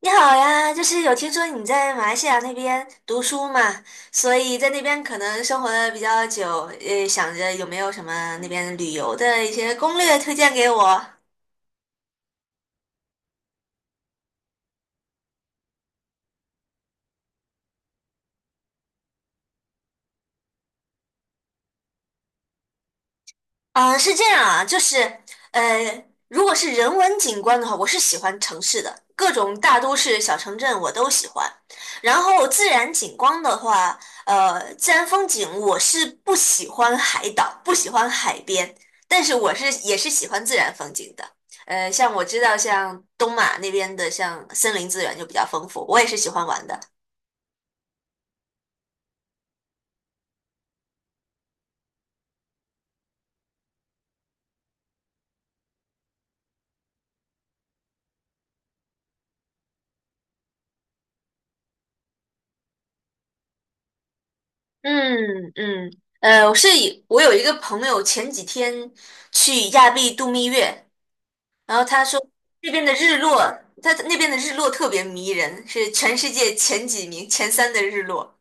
你好呀，就是有听说你在马来西亚那边读书嘛，所以在那边可能生活的比较久，想着有没有什么那边旅游的一些攻略推荐给我？啊，是这样啊，就是,如果是人文景观的话，我是喜欢城市的，各种大都市、小城镇我都喜欢。然后自然景观的话，自然风景我是不喜欢海岛，不喜欢海边，但是我是也是喜欢自然风景的。像我知道，像东马那边的，像森林资源就比较丰富，我也是喜欢玩的。嗯嗯，我是我有一个朋友前几天去亚庇度蜜月。然后他说这边的日落，他那边的日落特别迷人，是全世界前几名、前三的日落。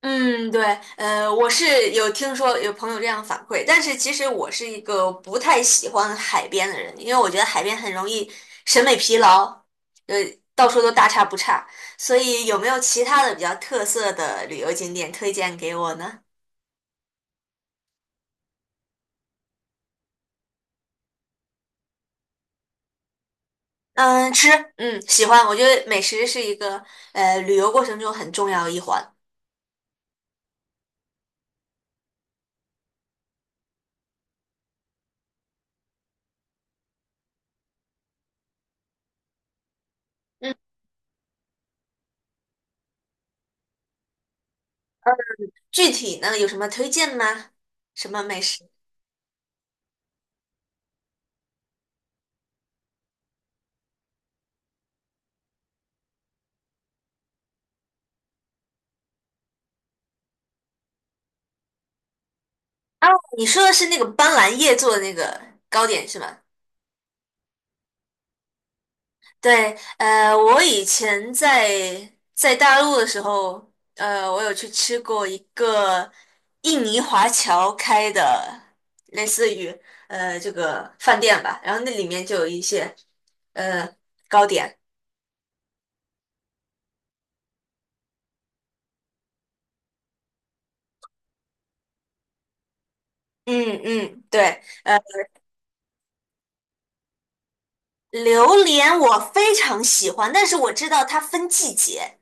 嗯，对，我是有听说有朋友这样反馈，但是其实我是一个不太喜欢海边的人，因为我觉得海边很容易审美疲劳，呃，到处都大差不差，所以有没有其他的比较特色的旅游景点推荐给我呢？嗯，吃，嗯，喜欢，我觉得美食是一个旅游过程中很重要的一环。嗯。具体呢有什么推荐吗？什么美食？哦，你说的是那个斑斓叶做的那个糕点是吗？对，我以前在大陆的时候，我有去吃过一个印尼华侨开的，类似于这个饭店吧，然后那里面就有一些呃糕点。嗯嗯，对，榴莲我非常喜欢，但是我知道它分季节。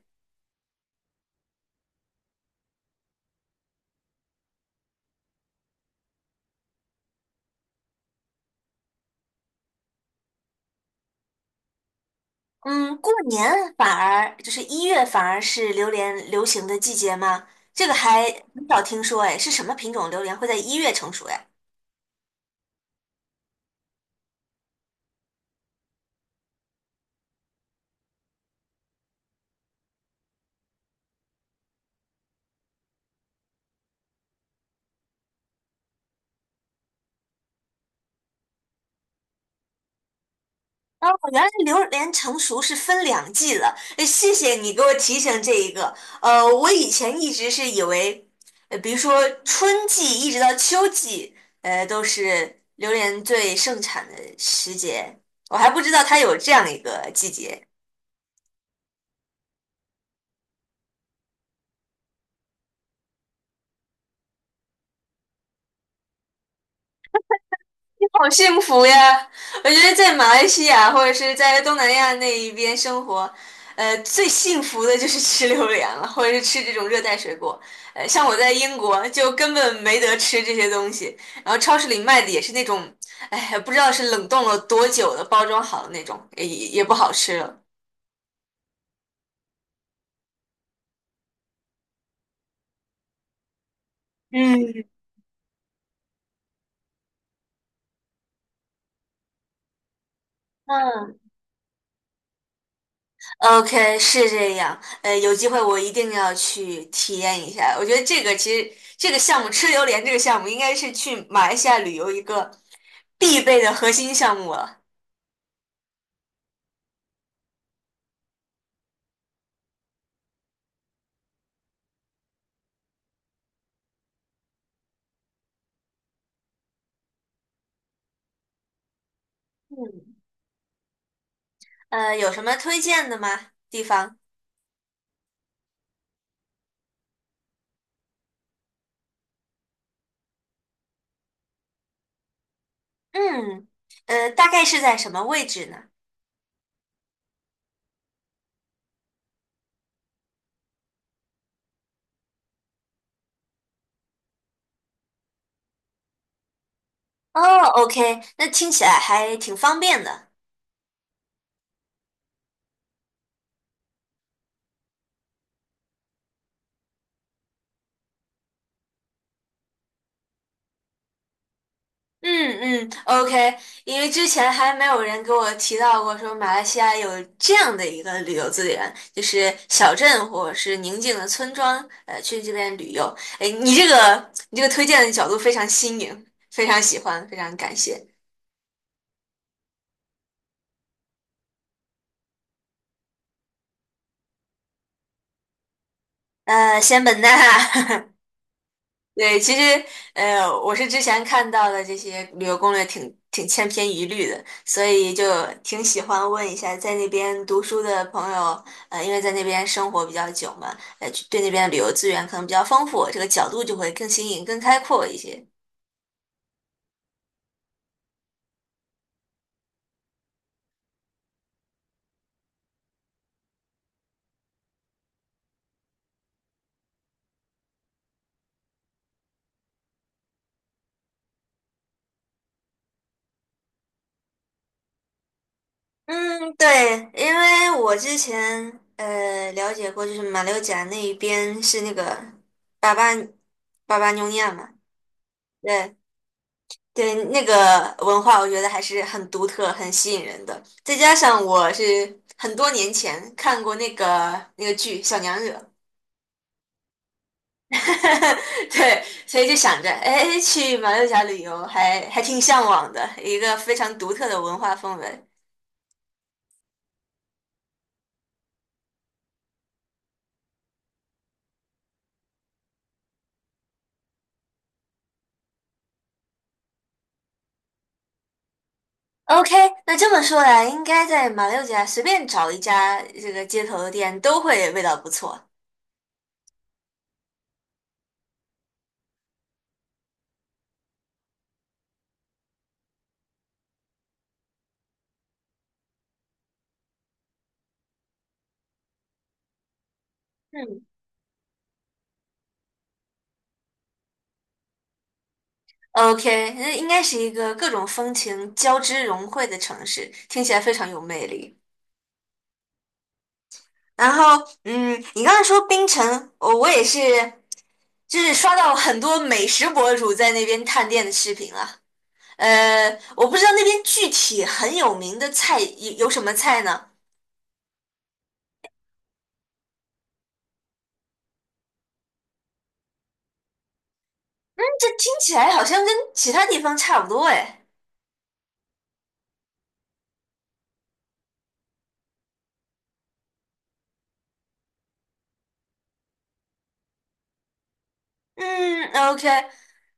嗯，过年反而就是一月，反而是榴莲流行的季节吗？这个还很少听说，哎，是什么品种榴莲会在一月成熟呀？哦，原来榴莲成熟是分两季了，哎谢谢你给我提醒这一个。我以前一直是以为，比如说春季一直到秋季，都是榴莲最盛产的时节，我还不知道它有这样一个季节。好幸福呀！我觉得在马来西亚或者是在东南亚那一边生活，最幸福的就是吃榴莲了，或者是吃这种热带水果。像我在英国就根本没得吃这些东西，然后超市里卖的也是那种，哎，不知道是冷冻了多久的，包装好的那种，也不好吃了。嗯，嗯。OK，是这样。有机会我一定要去体验一下。我觉得这个其实这个项目吃榴莲这个项目应该是去马来西亚旅游一个必备的核心项目了。嗯，有什么推荐的吗？地方？嗯，大概是在什么位置呢？哦，OK，那听起来还挺方便的。嗯嗯，OK，因为之前还没有人给我提到过说马来西亚有这样的一个旅游资源，就是小镇或者是宁静的村庄，去这边旅游。哎，你这个推荐的角度非常新颖，非常喜欢，非常感谢。仙本那，对，其实，我是之前看到的这些旅游攻略挺千篇一律的，所以就挺喜欢问一下在那边读书的朋友，因为在那边生活比较久嘛，对那边的旅游资源可能比较丰富，这个角度就会更新颖、更开阔一些。嗯，对，因为我之前了解过，就是马六甲那一边是那个巴巴巴巴妞亚嘛，对，对，那个文化我觉得还是很独特、很吸引人的。再加上我是很多年前看过那个剧《小娘惹》，对，所以就想着，哎，去马六甲旅游还挺向往的，一个非常独特的文化氛围。OK，那这么说来，应该在马六甲随便找一家这个街头的店都会味道不错。嗯，OK，那应该是一个各种风情交织融汇的城市，听起来非常有魅力。然后，嗯，你刚才说冰城，我也是，就是刷到很多美食博主在那边探店的视频了。呃，我不知道那边具体很有名的菜有什么菜呢？这听起来好像跟其他地方差不多哎。嗯，OK，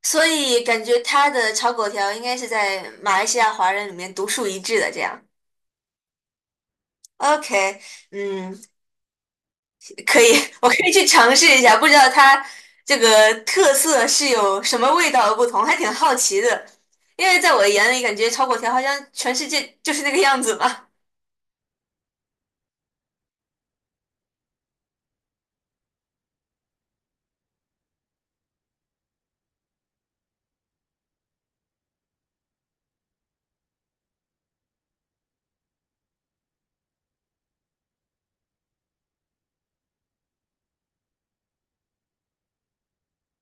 所以感觉他的炒粿条应该是在马来西亚华人里面独树一帜的这样。OK，嗯，可以，我可以去尝试一下，不知道它这个特色是有什么味道的不同，还挺好奇的。因为在我的眼里，感觉炒粿条好像全世界就是那个样子嘛。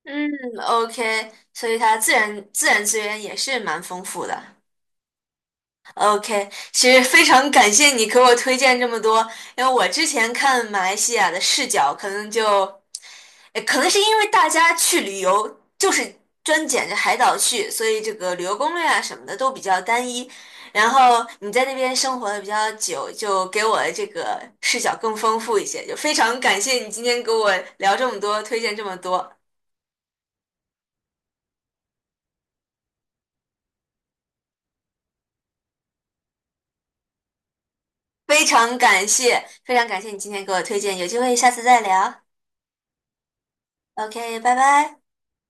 嗯，OK，所以它自然资源也是蛮丰富的。OK，其实非常感谢你给我推荐这么多，因为我之前看马来西亚的视角，可能就，可能是因为大家去旅游就是专捡着海岛去，所以这个旅游攻略啊什么的都比较单一。然后你在那边生活的比较久，就给我这个视角更丰富一些。就非常感谢你今天给我聊这么多，推荐这么多，非常感谢，非常感谢你今天给我推荐，有机会下次再聊。OK，拜拜。